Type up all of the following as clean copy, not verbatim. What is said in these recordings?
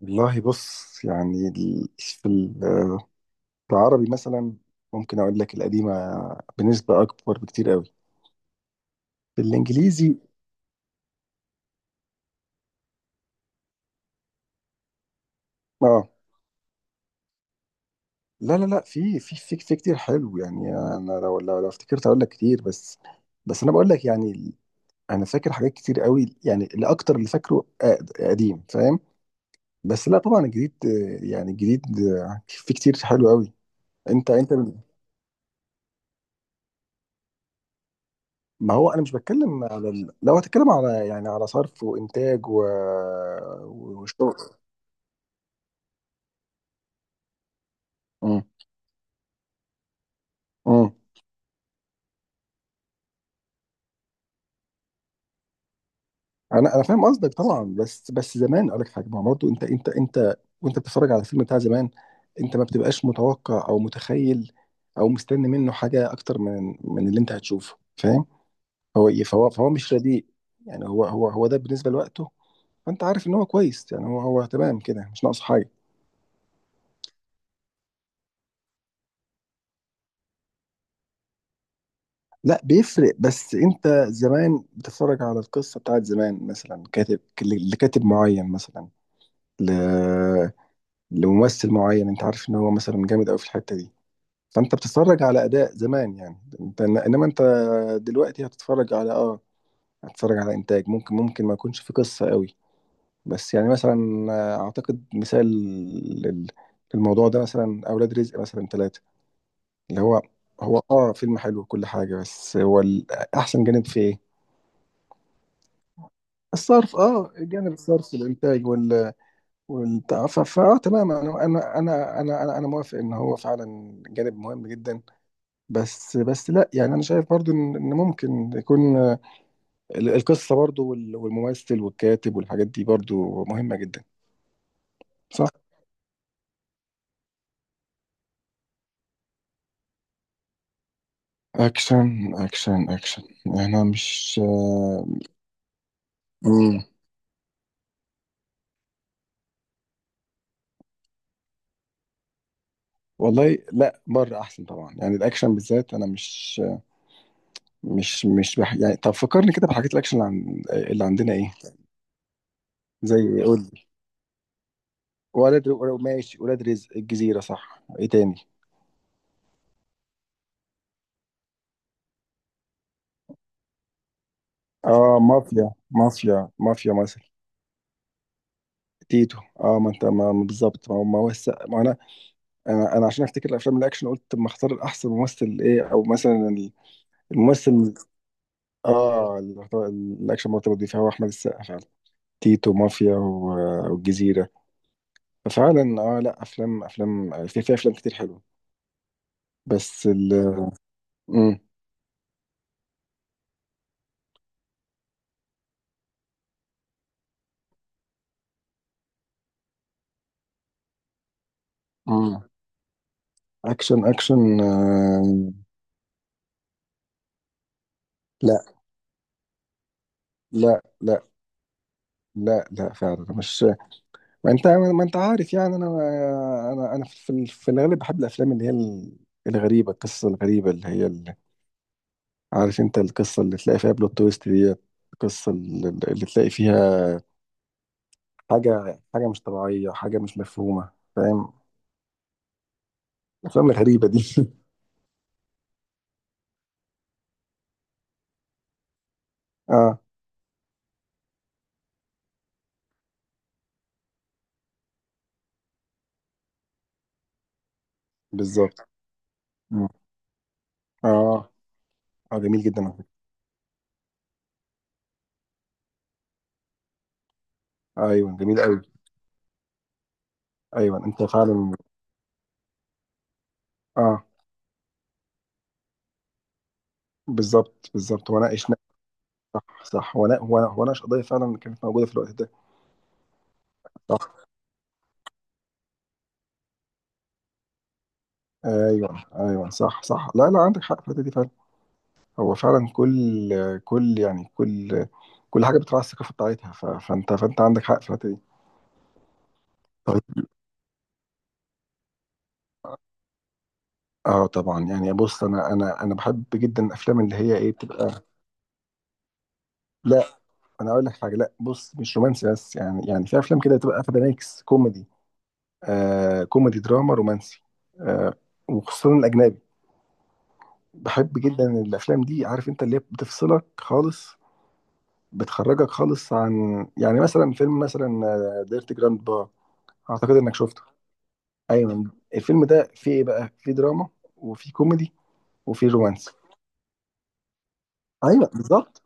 والله بص، يعني ال- في ال- آه، في العربي مثلا، ممكن اقول لك القديمه بنسبه اكبر بكتير قوي في الانجليزي. اه، لا لا لا، في كتير حلو. يعني انا لو افتكرت اقول لك كتير، بس انا بقول لك يعني. انا فاكر حاجات كتير قوي، يعني الاكتر اللي فاكره قديم، فاهم؟ بس لا، طبعا الجديد، يعني الجديد، في كتير حلو قوي. انت، ما هو انا مش بتكلم على لو هتكلم على يعني على صرف وانتاج وشغل. مم. مم. انا فاهم قصدك طبعا، بس زمان اقول لك حاجه، ما هو برضه انت وانت بتتفرج على الفيلم بتاع زمان، انت ما بتبقاش متوقع او متخيل او مستني منه حاجه اكتر من اللي انت هتشوفه، فاهم هو إيه؟ فهو مش رديء، يعني هو ده بالنسبه لوقته. فانت عارف ان هو كويس، يعني هو تمام كده، مش ناقص حاجه. لا، بيفرق، بس انت زمان بتتفرج على القصه بتاعت زمان، مثلا كاتب لكاتب معين، مثلا ل... لممثل معين، انت عارف ان هو مثلا جامد قوي في الحته دي، فانت بتتفرج على اداء زمان يعني. انت، انما انت دلوقتي هتتفرج على هتتفرج على انتاج ممكن ما يكونش في قصه قوي. بس يعني مثلا، اعتقد مثال لل- للموضوع ده، مثلا اولاد رزق مثلا ثلاثه، اللي هو فيلم حلو وكل حاجه، بس هو احسن جانب في ايه؟ الصرف، اه جانب الصرف، الانتاج والبتاع. ف- فاه تمام، انا انا انا انا انا أنا موافق ان هو فعلا جانب مهم جدا. بس لا، يعني انا شايف برضو ان ممكن يكون، القصه برضو والممثل والكاتب والحاجات دي برضو مهمه جدا. صح. اكشن، يعني انا مش، مم. والله، لا، بره احسن طبعا، يعني الاكشن بالذات. انا مش يعني، طب فكرني كده بحاجات الاكشن، اللي، اللي عندنا ايه؟ زي إيه؟ قول. ماشي، ولاد رزق، الجزيرة، صح. ايه تاني؟ اه، مافيا مثلا، تيتو. اه ما انت، ما بالظبط، ما هو ما انا عشان افتكر الافلام الاكشن، قلت طب ما اختار الاحسن ممثل ايه، او مثلا الممثل. اه، الاكشن مرتبط بيه فهو احمد السقا فعلا. تيتو، مافيا والجزيرة. ففعلا، اه، لا، افلام، افلام في في افلام كتير حلوة، بس مم. مم. اكشن اكشن لا لا لا لا لا، فعلا مش. ما انت عارف يعني، انا في في الغالب بحب الافلام اللي هي، الغريبه، القصه الغريبه، اللي هي عارف انت، القصه اللي تلاقي فيها بلوت تويست دي، القصه اللي تلاقي فيها حاجه مش طبيعيه، حاجه مش مفهومه، فاهم؟ الافلام الغريبه دي اه، بالظبط. مم. اه اه، جميل جدا على فكرة. ايوه، جميل قوي. ايوه، انت فعلا. اه، بالظبط بالظبط، وناقش. صح صح، وناقش قضيه فعلا كانت موجوده في الوقت ده. ايوه ايوه، صح صح، لا لا، عندك حق في الحته دي فعلا. هو فعلا، كل كل يعني كل كل حاجه بتراعي الثقافه بتاعتها، فانت عندك حق في الحته دي. طيب. اه طبعا، يعني بص، انا بحب جدا الافلام اللي هي ايه، بتبقى. لا، انا اقول لك حاجه، لا، بص، مش رومانسي، بس يعني، في افلام كده بتبقى واخده ميكس كوميدي، آه، كوميدي دراما رومانسي، آه، وخصوصا الاجنبي. بحب جدا الافلام دي، عارف انت، اللي هي بتفصلك خالص، بتخرجك خالص عن. يعني مثلا فيلم، مثلا ديرتي جراند با، اعتقد انك شفته. ايوه، الفيلم ده فيه ايه بقى؟ فيه دراما، وفيه كوميدي، وفيه رومانس. ايوه، بالظبط.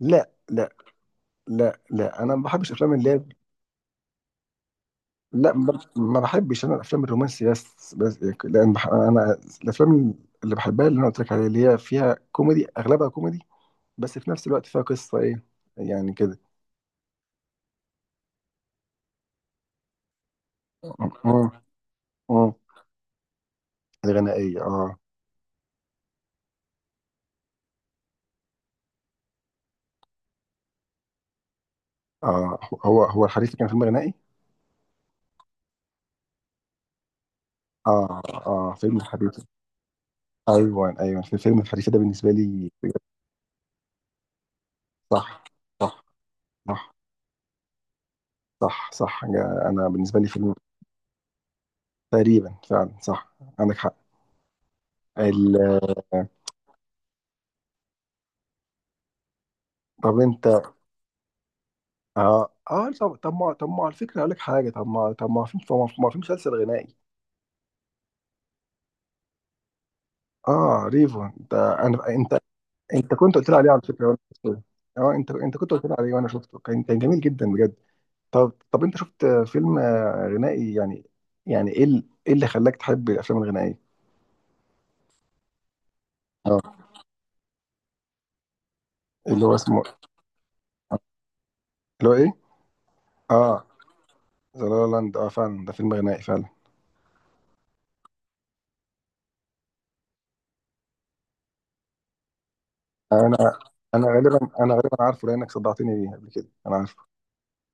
لا لا لا لا، انا ما بحبش افلام اللي هي-. لا، ما بحبش انا الافلام الرومانسي، بس لان انا الافلام اللي بحبها، اللي انا قلت لك عليها، اللي هي فيها كوميدي، اغلبها كوميدي، بس في نفس الوقت فيها قصه ايه، يعني كده. اه اه. أه. الغنائيه، اه. آه هو هو الحريفه كان فيلم غنائي. اه اه، فيلم الحريفه. ايوه ايوه، في فيلم الحريفه ده بالنسبه لي. صح صح صح صح صح، انا بالنسبه لي فيلم، تقريبا فعلا صح، عندك حق. ال... طب انت، اه اه، طب ما، على فكره اقول لك حاجه، طب ما طب ما في طب ما ما في مسلسل غنائي. اه، ريفو. انت، انت كنت قلت لي عليه على فكره، وانا شفته. اه، انت انت كنت قلت لي عليه، وانا شفته، كان جميل جدا بجد. طب انت شفت فيلم غنائي، يعني ايه ايه اللي خلاك تحب الافلام الغنائيه؟ اه، اللي هو اسمه، اللي هو ايه، اه، ذا لا لاند، اه، فعلا ده فيلم غنائي فعلا. انا، غالبا عارفه، لانك صدعتني بيه قبل كده انا عارفه.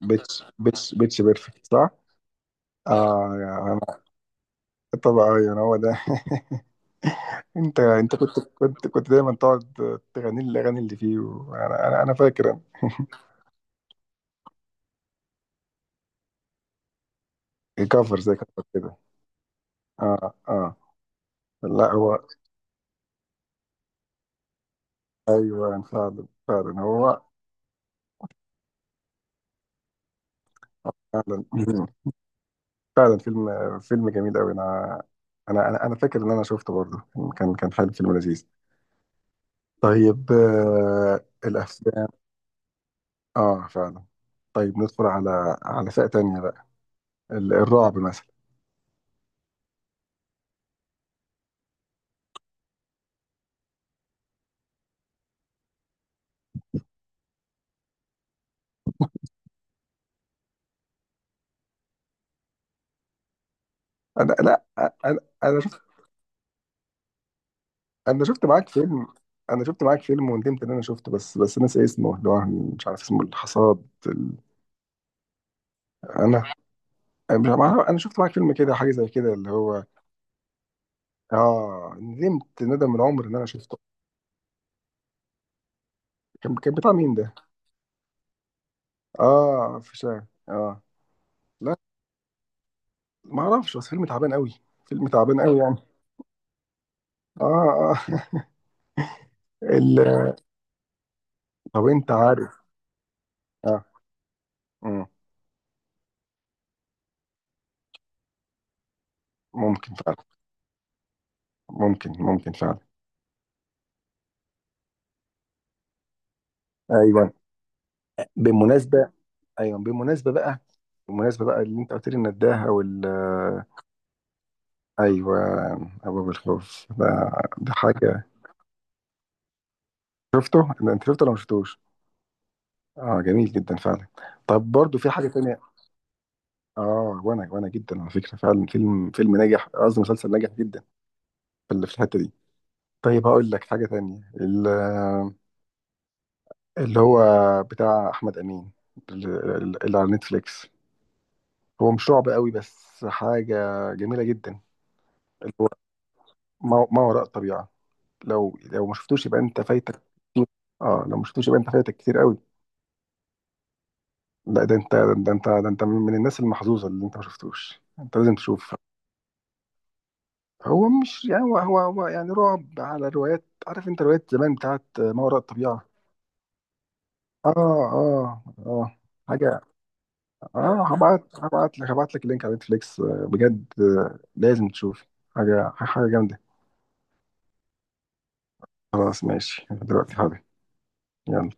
بيتش بيرفكت، صح. اه، انا طبعا ايوه، هو ده انت انت كنت دايما تقعد تغني لي الاغاني اللي فيه، وانا انا انا فاكر. الكفر، زي كفر كده. اه اه. لا، هو، ايوه، يعني فعلا فعلا هو، فعلا فعلا فيلم، جميل قوي. انا، أنا فاكر ان انا شفته برضه، كان حلو، فيلم لذيذ. طيب. الافلام. اه، فعلا. طيب، ندخل على فئة تانية بقى، الرعب مثلا. لا، انا انا شفت انا شفت معاك فيلم انا شفت معاك فيلم وندمت ان انا شفته، بس ناسي اسمه، اللي هو مش عارف اسمه، الحصاد. انا، مش عارف- انا شفت معاك فيلم كده، حاجة زي كده، اللي هو. اه، ندمت ندم العمر ان انا شفته. كان بتاع مين ده؟ اه، في شارع. اه، لا، ما اعرفش، بس فيلم تعبان قوي، فيلم تعبان قوي يعني. اه اه ال... طب انت عارف، اه. مم. ممكن فعلا، ممكن فعلا. ايوه، بالمناسبه، ايوه بالمناسبه بقى، بالمناسبه بقى، اللي انت قلت لي النداهه ايوه. ابواب الخوف ده، حاجه، شفته. انت شفته ولا ما شفتوش؟ اه، جميل جدا فعلا. طب برضو في حاجه تانية. اه، وانا جدا على فكره، فعلا فيلم، ناجح، قصدي مسلسل ناجح جدا في في الحته دي. طيب، هقول لك حاجه تانية، اللي هو بتاع احمد امين، ال- اللي على نتفليكس، هو مش رعب قوي بس حاجه جميله جدا، اللي هو ما وراء الطبيعه. لو ما شفتوش، يبقى انت فايتك كتير. اه، لو ما شفتوش يبقى انت فايتك كتير قوي. لا، ده انت، من الناس المحظوظه اللي انت ما شفتوش، انت لازم تشوف. هو مش يعني، هو يعني رعب على روايات، عارف انت، روايات زمان بتاعت ما وراء الطبيعة. اه اه اه، حاجة. اه، هبعت لك اللينك على نتفليكس، بجد، لازم تشوف. حاجة حاجة جامدة. خلاص، ماشي، دلوقتي، حاضر. يلا.